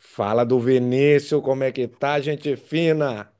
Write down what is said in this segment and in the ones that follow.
Fala do Vinícius, como é que tá, gente fina?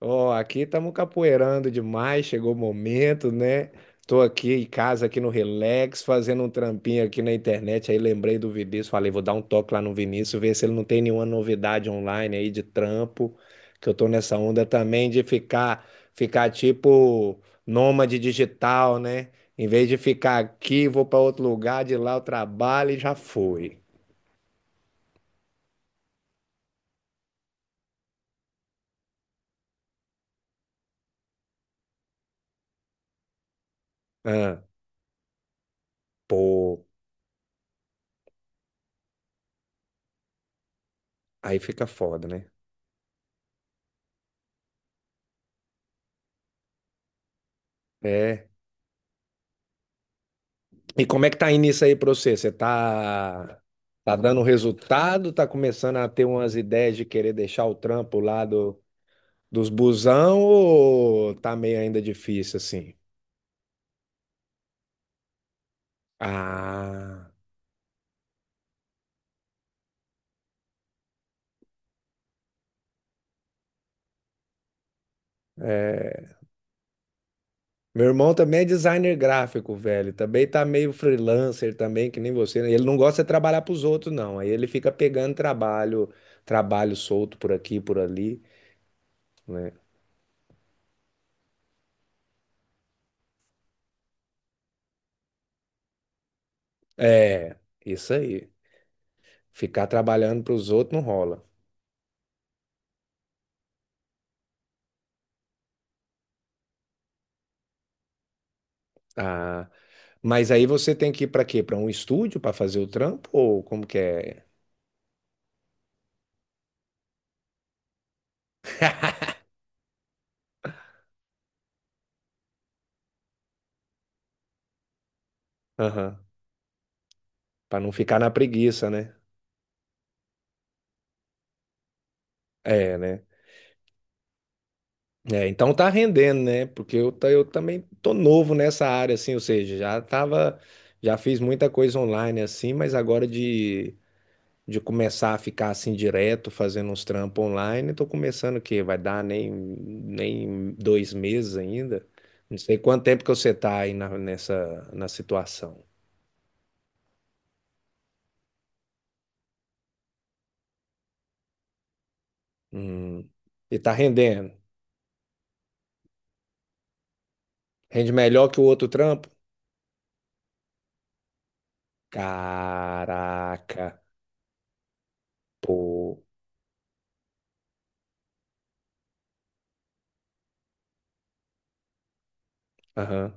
Ó, aqui estamos capoeirando demais, chegou o momento, né? Tô aqui em casa, aqui no Relax, fazendo um trampinho aqui na internet, aí lembrei do Vinícius, falei, vou dar um toque lá no Vinícius, ver se ele não tem nenhuma novidade online aí de trampo, que eu tô nessa onda também de ficar tipo nômade digital, né? Em vez de ficar aqui, vou para outro lugar, de lá eu trabalho e já fui. Ah, pô. Aí fica foda, né? É. E como é que tá indo isso aí pra você? Você tá dando resultado? Tá começando a ter umas ideias de querer deixar o trampo lá dos busão ou tá meio ainda difícil assim? Ah, é. Meu irmão também é designer gráfico, velho. Também tá meio freelancer também, que nem você, né? Ele não gosta de trabalhar pros outros, não. Aí ele fica pegando trabalho, trabalho solto por aqui, por ali, né? É, isso aí. Ficar trabalhando para os outros não rola. Ah, mas aí você tem que ir para quê? Para um estúdio para fazer o trampo ou como que é? Aham. Para não ficar na preguiça, né? É, né? É, então tá rendendo, né? Porque eu, eu também tô novo nessa área, assim, ou seja, já fiz muita coisa online assim, mas agora de começar a ficar assim direto, fazendo uns trampos online. Estou começando o quê? Vai dar nem 2 meses ainda. Não sei quanto tempo que você está aí na, nessa na situação. Hum. E tá rendendo. Rende melhor que o outro trampo? Caraca, pô. Aham,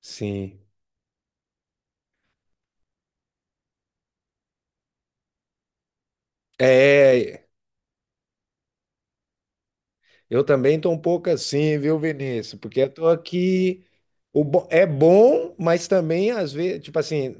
sim. É, eu também tô um pouco assim, viu, Vinícius? Porque eu tô aqui. É bom, mas também às vezes, tipo assim,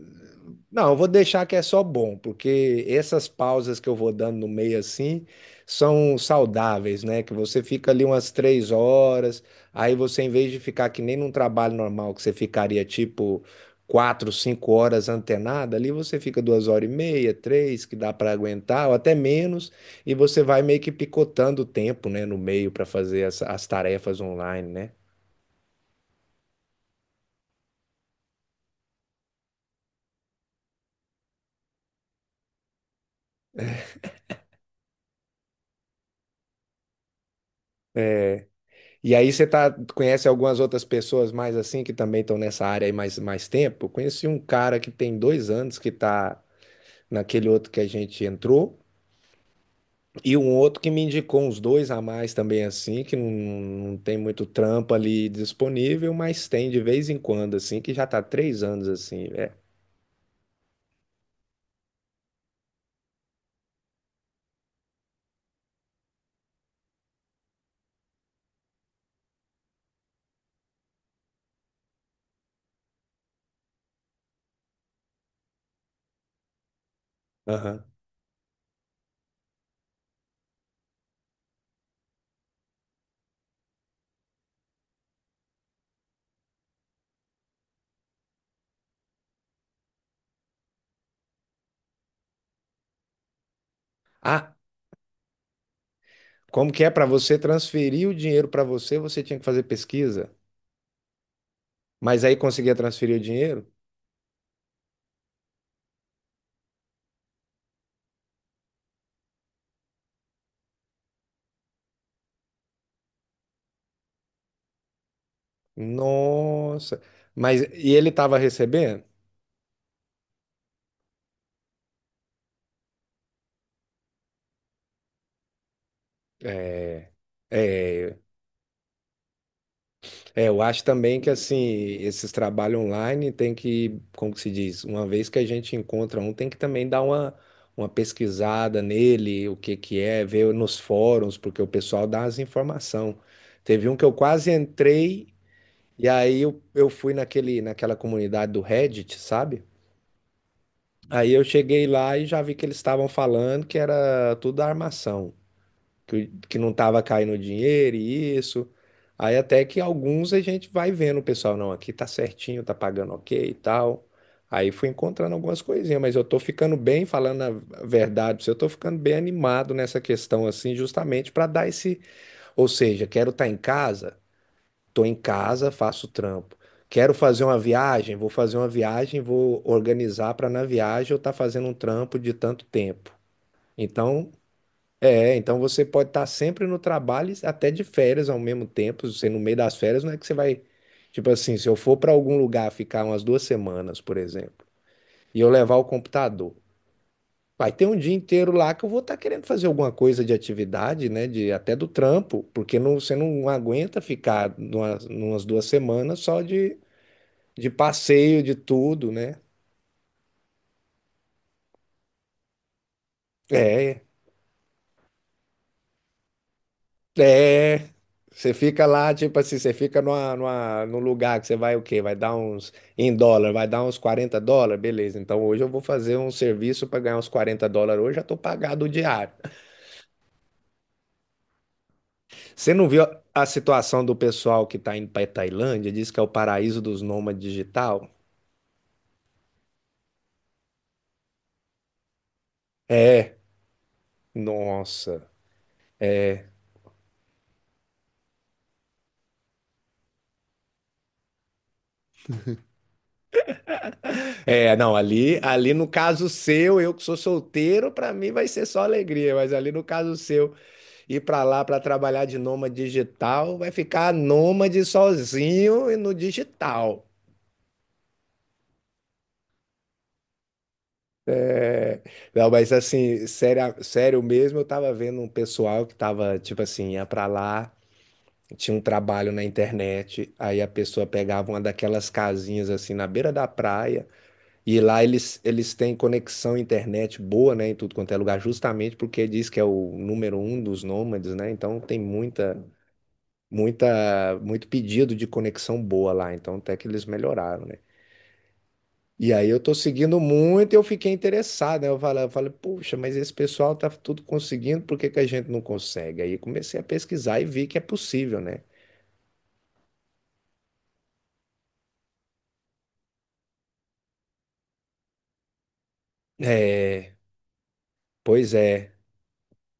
não, eu vou deixar que é só bom, porque essas pausas que eu vou dando no meio assim são saudáveis, né? Que você fica ali umas 3 horas, aí você, em vez de ficar que nem num trabalho normal, que você ficaria tipo 4, 5 horas antenada, ali você fica 2 horas e meia, 3, que dá para aguentar, ou até menos. E você vai meio que picotando o tempo, né, no meio para fazer as tarefas online, né? E aí você tá, conhece algumas outras pessoas mais assim que também estão nessa área aí mais tempo? Eu conheci um cara que tem 2 anos que tá naquele outro que a gente entrou, e um outro que me indicou uns dois a mais também assim, que não, não tem muito trampo ali disponível, mas tem de vez em quando, assim, que já tá 3 anos assim, é. Aham. Ah, como que é para você transferir o dinheiro para você, você tinha que fazer pesquisa, mas aí conseguia transferir o dinheiro? Nossa. Mas e ele estava recebendo? É, é, é, eu acho também que assim, esses trabalhos online tem que, como que se diz, uma vez que a gente encontra um, tem que também dar uma pesquisada nele, o que que é, ver nos fóruns, porque o pessoal dá as informações. Teve um que eu quase entrei, e aí eu fui naquela comunidade do Reddit, sabe? Aí eu cheguei lá e já vi que eles estavam falando que era tudo armação que não estava caindo dinheiro e isso. Aí até que alguns a gente vai vendo, o pessoal, não, aqui tá certinho, tá pagando ok e tal. Aí fui encontrando algumas coisinhas, mas eu tô ficando bem, falando a verdade, pra você, eu tô ficando bem animado nessa questão assim, justamente para dar esse, ou seja, quero estar em casa, tô em casa, faço trampo. Quero fazer uma viagem, vou fazer uma viagem, vou organizar para na viagem eu estar fazendo um trampo de tanto tempo. Então, é, então você pode estar sempre no trabalho e até de férias ao mesmo tempo. Você no meio das férias não é que você vai, tipo assim, se eu for para algum lugar ficar umas 2 semanas, por exemplo, e eu levar o computador, vai ter um dia inteiro lá que eu vou estar querendo fazer alguma coisa de atividade, né, de até do trampo, porque não, você não aguenta ficar numa, numas 2 semanas só de passeio, de tudo, né? É, é, você fica lá, tipo assim, você fica num lugar que você vai o quê? Vai dar uns, em dólar, vai dar uns 40 dólares, beleza. Então hoje eu vou fazer um serviço para ganhar uns 40 dólares hoje, já tô pagado o diário. Você não viu a situação do pessoal que tá indo pra Tailândia? Diz que é o paraíso dos nômades digital? É, nossa. É, não, ali no caso seu, eu que sou solteiro, pra mim vai ser só alegria, mas ali no caso seu. Ir para lá para trabalhar de nômade digital, vai ficar nômade sozinho e no digital. Não, mas assim, sério, sério mesmo, eu tava vendo um pessoal que tava, tipo assim, ia para lá, tinha um trabalho na internet, aí a pessoa pegava uma daquelas casinhas assim na beira da praia, e lá eles têm conexão internet boa, né, em tudo quanto é lugar, justamente porque diz que é o número um dos nômades, né? Então tem muita muita, muito pedido de conexão boa lá, então até que eles melhoraram, né? E aí eu tô seguindo muito e eu fiquei interessado, né? Eu falei, puxa, mas esse pessoal tá tudo conseguindo, por que que a gente não consegue? Aí comecei a pesquisar e vi que é possível, né? É, pois é.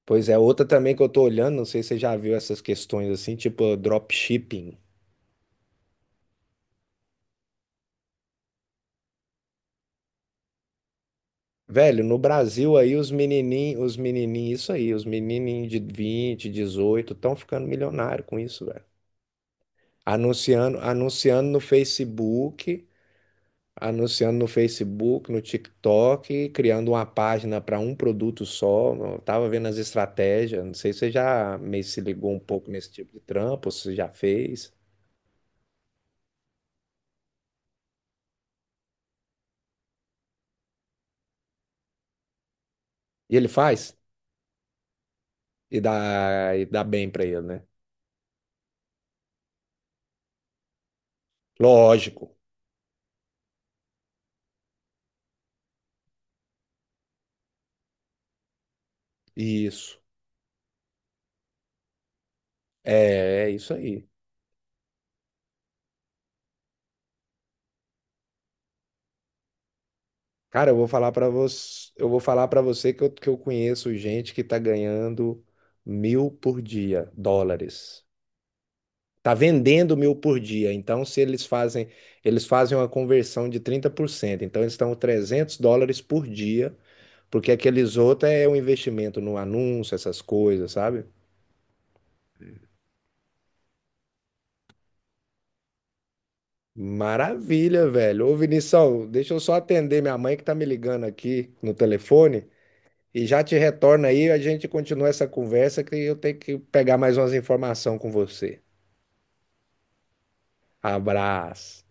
Pois é, outra também que eu tô olhando, não sei se você já viu essas questões assim, tipo dropshipping. Velho, no Brasil aí os menininhos, isso aí, os menininhos de 20, 18 estão ficando milionário com isso, velho. Anunciando no Facebook, no TikTok, criando uma página para um produto só. Eu tava vendo as estratégias. Não sei se você já meio se ligou um pouco nesse tipo de trampo, ou se já fez. E ele faz e dá bem para ele, né? Lógico. Isso. É, é isso aí. Cara, eu vou falar para você, eu vou falar para você que eu conheço gente que tá ganhando 1.000 por dia, dólares. Tá vendendo 1.000 por dia. Então, se eles fazem, eles fazem uma conversão de 30%. Então, eles estão 300 dólares por dia, porque aqueles outros é um investimento no anúncio, essas coisas, sabe? Maravilha, velho. Ô, Vinição, deixa eu só atender minha mãe que tá me ligando aqui no telefone e já te retorna aí, a gente continua essa conversa que eu tenho que pegar mais umas informações com você. Abraço.